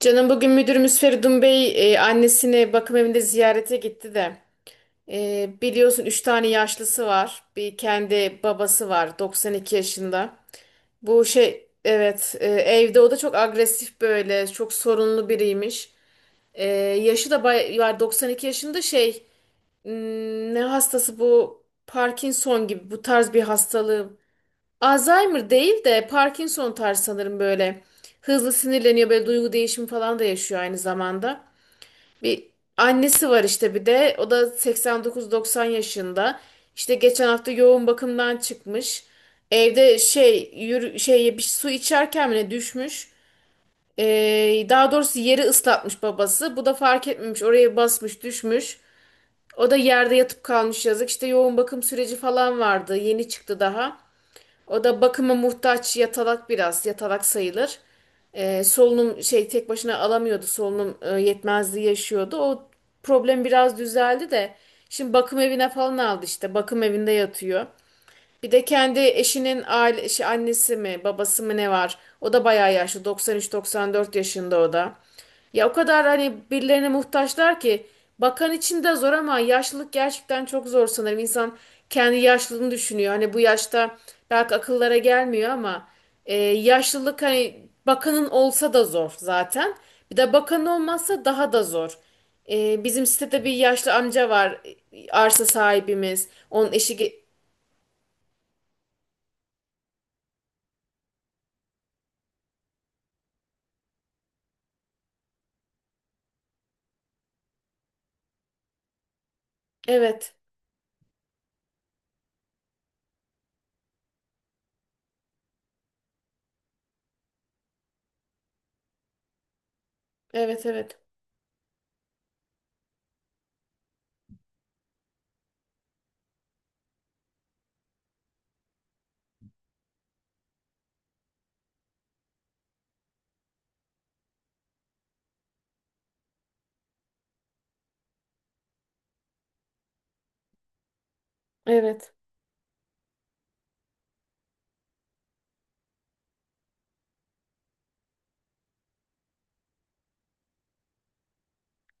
Canım bugün müdürümüz Feridun Bey annesini bakım evinde ziyarete gitti de. Biliyorsun 3 tane yaşlısı var. Bir kendi babası var 92 yaşında. Bu şey evet evde o da çok agresif böyle çok sorunlu biriymiş. E, yaşı da bay var 92 yaşında şey ne hastası bu? Parkinson gibi bu tarz bir hastalığı. Alzheimer değil de Parkinson tarzı sanırım böyle. Hızlı sinirleniyor, böyle duygu değişimi falan da yaşıyor aynı zamanda. Bir annesi var işte, bir de o da 89-90 yaşında. İşte geçen hafta yoğun bakımdan çıkmış. Evde şey yürü, şey bir su içerken bile düşmüş. Daha doğrusu yeri ıslatmış babası. Bu da fark etmemiş, oraya basmış düşmüş. O da yerde yatıp kalmış, yazık. İşte yoğun bakım süreci falan vardı. Yeni çıktı daha. O da bakıma muhtaç, yatalak, biraz yatalak sayılır. Solunum tek başına alamıyordu, solunum yetmezliği yaşıyordu. O problem biraz düzeldi de şimdi bakım evine falan aldı, işte bakım evinde yatıyor. Bir de kendi eşinin annesi mi babası mı ne var? O da bayağı yaşlı, 93-94 yaşında o da. Ya o kadar hani birilerine muhtaçlar ki, bakan için de zor, ama yaşlılık gerçekten çok zor sanırım. İnsan kendi yaşlılığını düşünüyor. Hani bu yaşta belki akıllara gelmiyor ama yaşlılık hani bakanın olsa da zor zaten. Bir de bakan olmazsa daha da zor. Bizim sitede bir yaşlı amca var arsa sahibimiz. Onun eşi evet. Evet evet. Evet.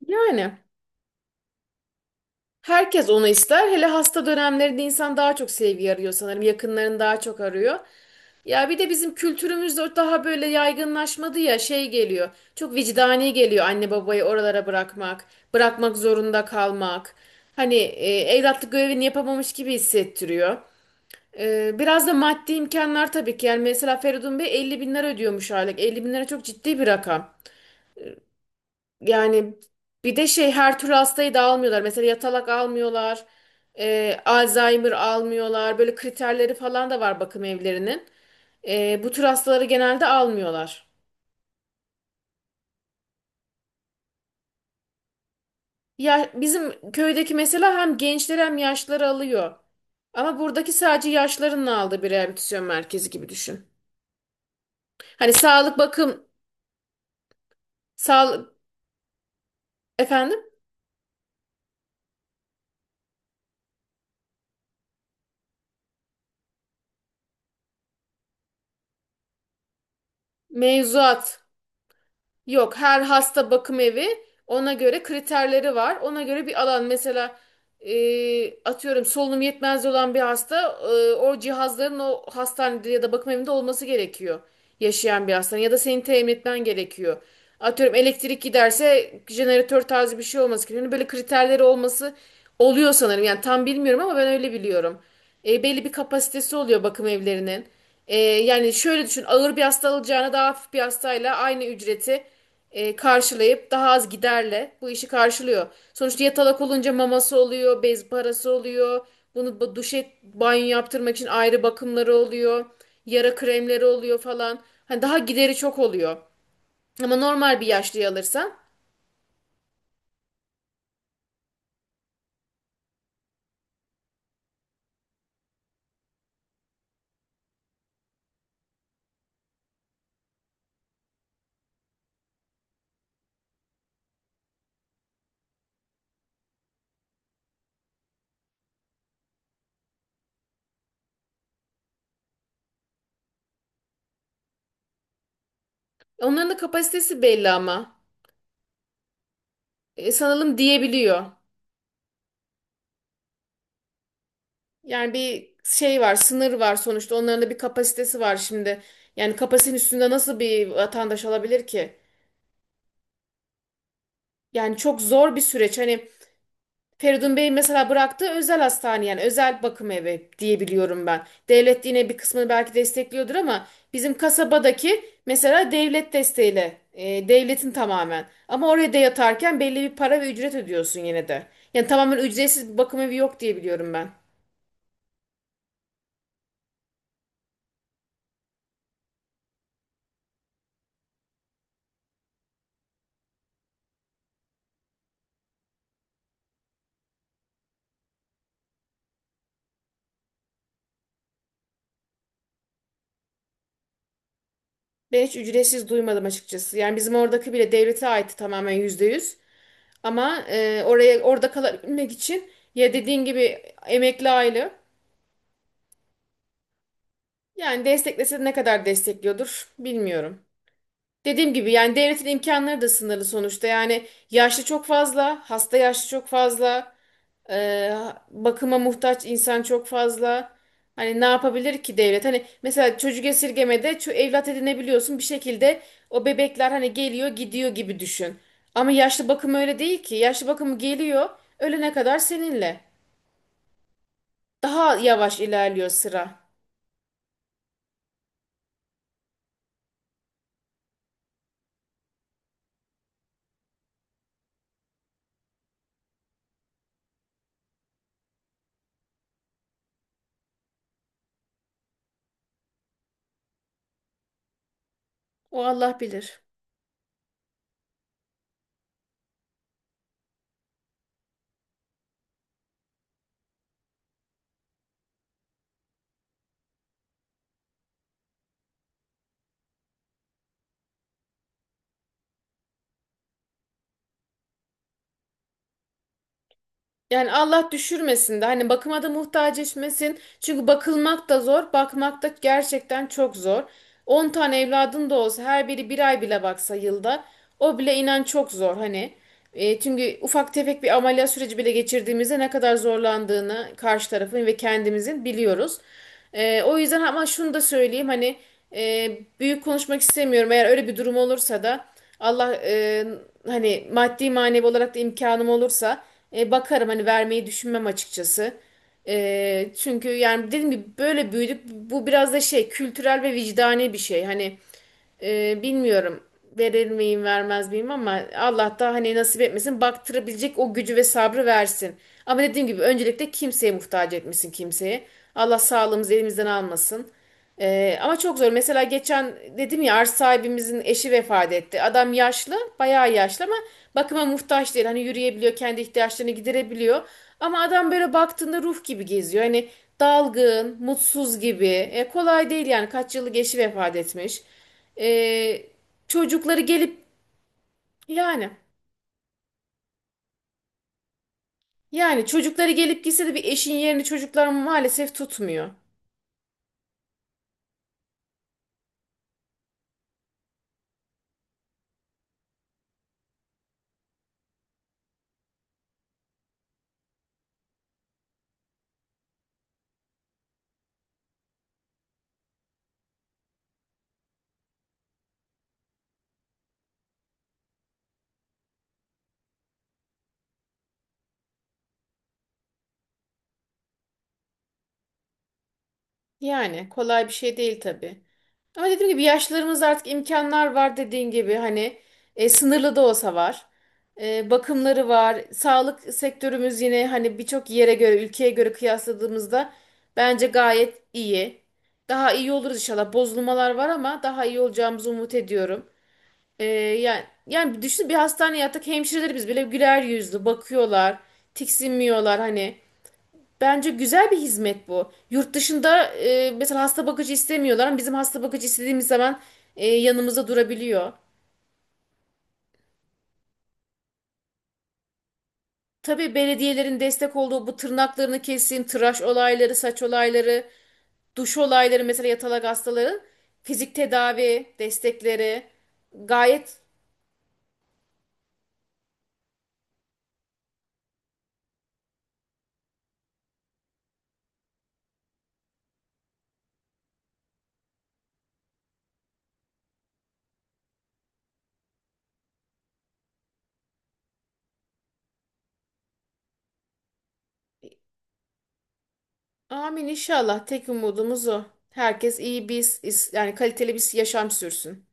Yani herkes onu ister. Hele hasta dönemlerinde insan daha çok sevgi arıyor sanırım. Yakınlarını daha çok arıyor. Ya bir de bizim kültürümüzde o daha böyle yaygınlaşmadı, ya şey geliyor. Çok vicdani geliyor anne babayı oralara bırakmak, bırakmak zorunda kalmak. Hani evlatlık görevini yapamamış gibi hissettiriyor. Biraz da maddi imkanlar tabii ki. Yani mesela Feridun Bey 50.000 lira ödüyormuş aylık. 50.000 lira çok ciddi bir rakam. Yani bir de şey, her türlü hastayı da almıyorlar. Mesela yatalak almıyorlar, Alzheimer almıyorlar. Böyle kriterleri falan da var bakım evlerinin. Bu tür hastaları genelde almıyorlar. Ya bizim köydeki mesela hem gençleri hem yaşlıları alıyor. Ama buradaki sadece yaşlıların aldığı bir rehabilitasyon merkezi gibi düşün. Hani sağlık bakım, sağlık efendim, mevzuat. Yok, her hasta bakım evi, ona göre kriterleri var. Ona göre bir alan mesela, atıyorum solunum yetmezliği olan bir hasta, o cihazların o hastanede ya da bakım evinde olması gerekiyor. Yaşayan bir hastanın ya da senin temin etmen gerekiyor. Atıyorum elektrik giderse jeneratör tarzı bir şey olması gerekiyor. Hani böyle kriterleri olması oluyor sanırım. Yani tam bilmiyorum ama ben öyle biliyorum. Belli bir kapasitesi oluyor bakım evlerinin. Yani şöyle düşün, ağır bir hasta alacağına daha hafif bir hastayla aynı ücreti karşılayıp daha az giderle bu işi karşılıyor. Sonuçta yatalak olunca maması oluyor, bez parası oluyor. Bunu duşe banyo yaptırmak için ayrı bakımları oluyor. Yara kremleri oluyor falan. Hani daha gideri çok oluyor. Ama normal bir yaşlıyı alırsan. Onların da kapasitesi belli ama. Sanalım diyebiliyor. Yani bir şey var, sınır var sonuçta. Onların da bir kapasitesi var şimdi. Yani kapasitenin üstünde nasıl bir vatandaş alabilir ki? Yani çok zor bir süreç. Hani Feridun Bey'in mesela bıraktığı özel hastane, yani özel bakım evi diye biliyorum ben. Devlet yine bir kısmını belki destekliyordur ama bizim kasabadaki mesela devlet desteğiyle, devletin tamamen. Ama oraya da yatarken belli bir para ve ücret ödüyorsun yine de. Yani tamamen ücretsiz bir bakım evi yok diye biliyorum ben. Ben hiç ücretsiz duymadım açıkçası. Yani bizim oradaki bile devlete aitti, tamamen %100. Ama orada kalabilmek için, ya dediğin gibi, emekli aile. Yani desteklese ne kadar destekliyordur bilmiyorum. Dediğim gibi, yani devletin imkanları da sınırlı sonuçta. Yani yaşlı çok fazla, hasta yaşlı çok fazla, e, bakıma muhtaç insan çok fazla. Hani ne yapabilir ki devlet? Hani mesela çocuk esirgemede evlat edinebiliyorsun bir şekilde, o bebekler hani geliyor gidiyor gibi düşün. Ama yaşlı bakım öyle değil ki. Yaşlı bakımı geliyor ölene kadar seninle. Daha yavaş ilerliyor sıra. O Allah bilir. Yani Allah düşürmesin de hani bakıma da muhtaç etmesin. Çünkü bakılmak da zor, bakmak da gerçekten çok zor. 10 tane evladın da olsa, her biri bir ay bile baksa yılda, o bile inan çok zor hani. Çünkü ufak tefek bir ameliyat süreci bile geçirdiğimizde ne kadar zorlandığını karşı tarafın ve kendimizin biliyoruz. O yüzden, ama şunu da söyleyeyim hani, e, büyük konuşmak istemiyorum. Eğer öyle bir durum olursa da Allah, hani maddi manevi olarak da imkanım olursa, bakarım, hani vermeyi düşünmem açıkçası. Çünkü yani dediğim gibi böyle büyüdük, bu biraz da şey, kültürel ve vicdani bir şey. Hani bilmiyorum verir miyim vermez miyim, ama Allah da hani nasip etmesin, baktırabilecek o gücü ve sabrı versin. Ama dediğim gibi öncelikle kimseye muhtaç etmesin, kimseye. Allah sağlığımızı elimizden almasın. Ama çok zor. Mesela geçen dedim ya, arsa sahibimizin eşi vefat etti. Adam yaşlı, bayağı yaşlı ama bakıma muhtaç değil. Hani yürüyebiliyor, kendi ihtiyaçlarını giderebiliyor. Ama adam böyle baktığında ruh gibi geziyor. Hani dalgın, mutsuz gibi. Kolay değil yani, kaç yıllık eşi vefat etmiş. Ee, çocukları gelip yani çocukları gelip gitse de bir eşin yerini çocuklar maalesef tutmuyor. Yani kolay bir şey değil tabii. Ama dediğim gibi yaşlılarımızda artık imkanlar var, dediğin gibi hani, sınırlı da olsa var. Bakımları var. Sağlık sektörümüz yine, hani birçok yere göre, ülkeye göre kıyasladığımızda bence gayet iyi. Daha iyi oluruz inşallah. Bozulmalar var ama daha iyi olacağımızı umut ediyorum. Yani düşün, bir hastaneye yattık, hemşireleri biz bile güler yüzlü bakıyorlar, tiksinmiyorlar hani. Bence güzel bir hizmet bu. Yurt dışında mesela hasta bakıcı istemiyorlar ama bizim hasta bakıcı istediğimiz zaman yanımızda durabiliyor. Tabii belediyelerin destek olduğu, bu tırnaklarını kesin, tıraş olayları, saç olayları, duş olayları mesela yatalak hastaların, fizik tedavi destekleri gayet. Amin inşallah. Tek umudumuz o. Herkes iyi bir, yani kaliteli bir yaşam sürsün.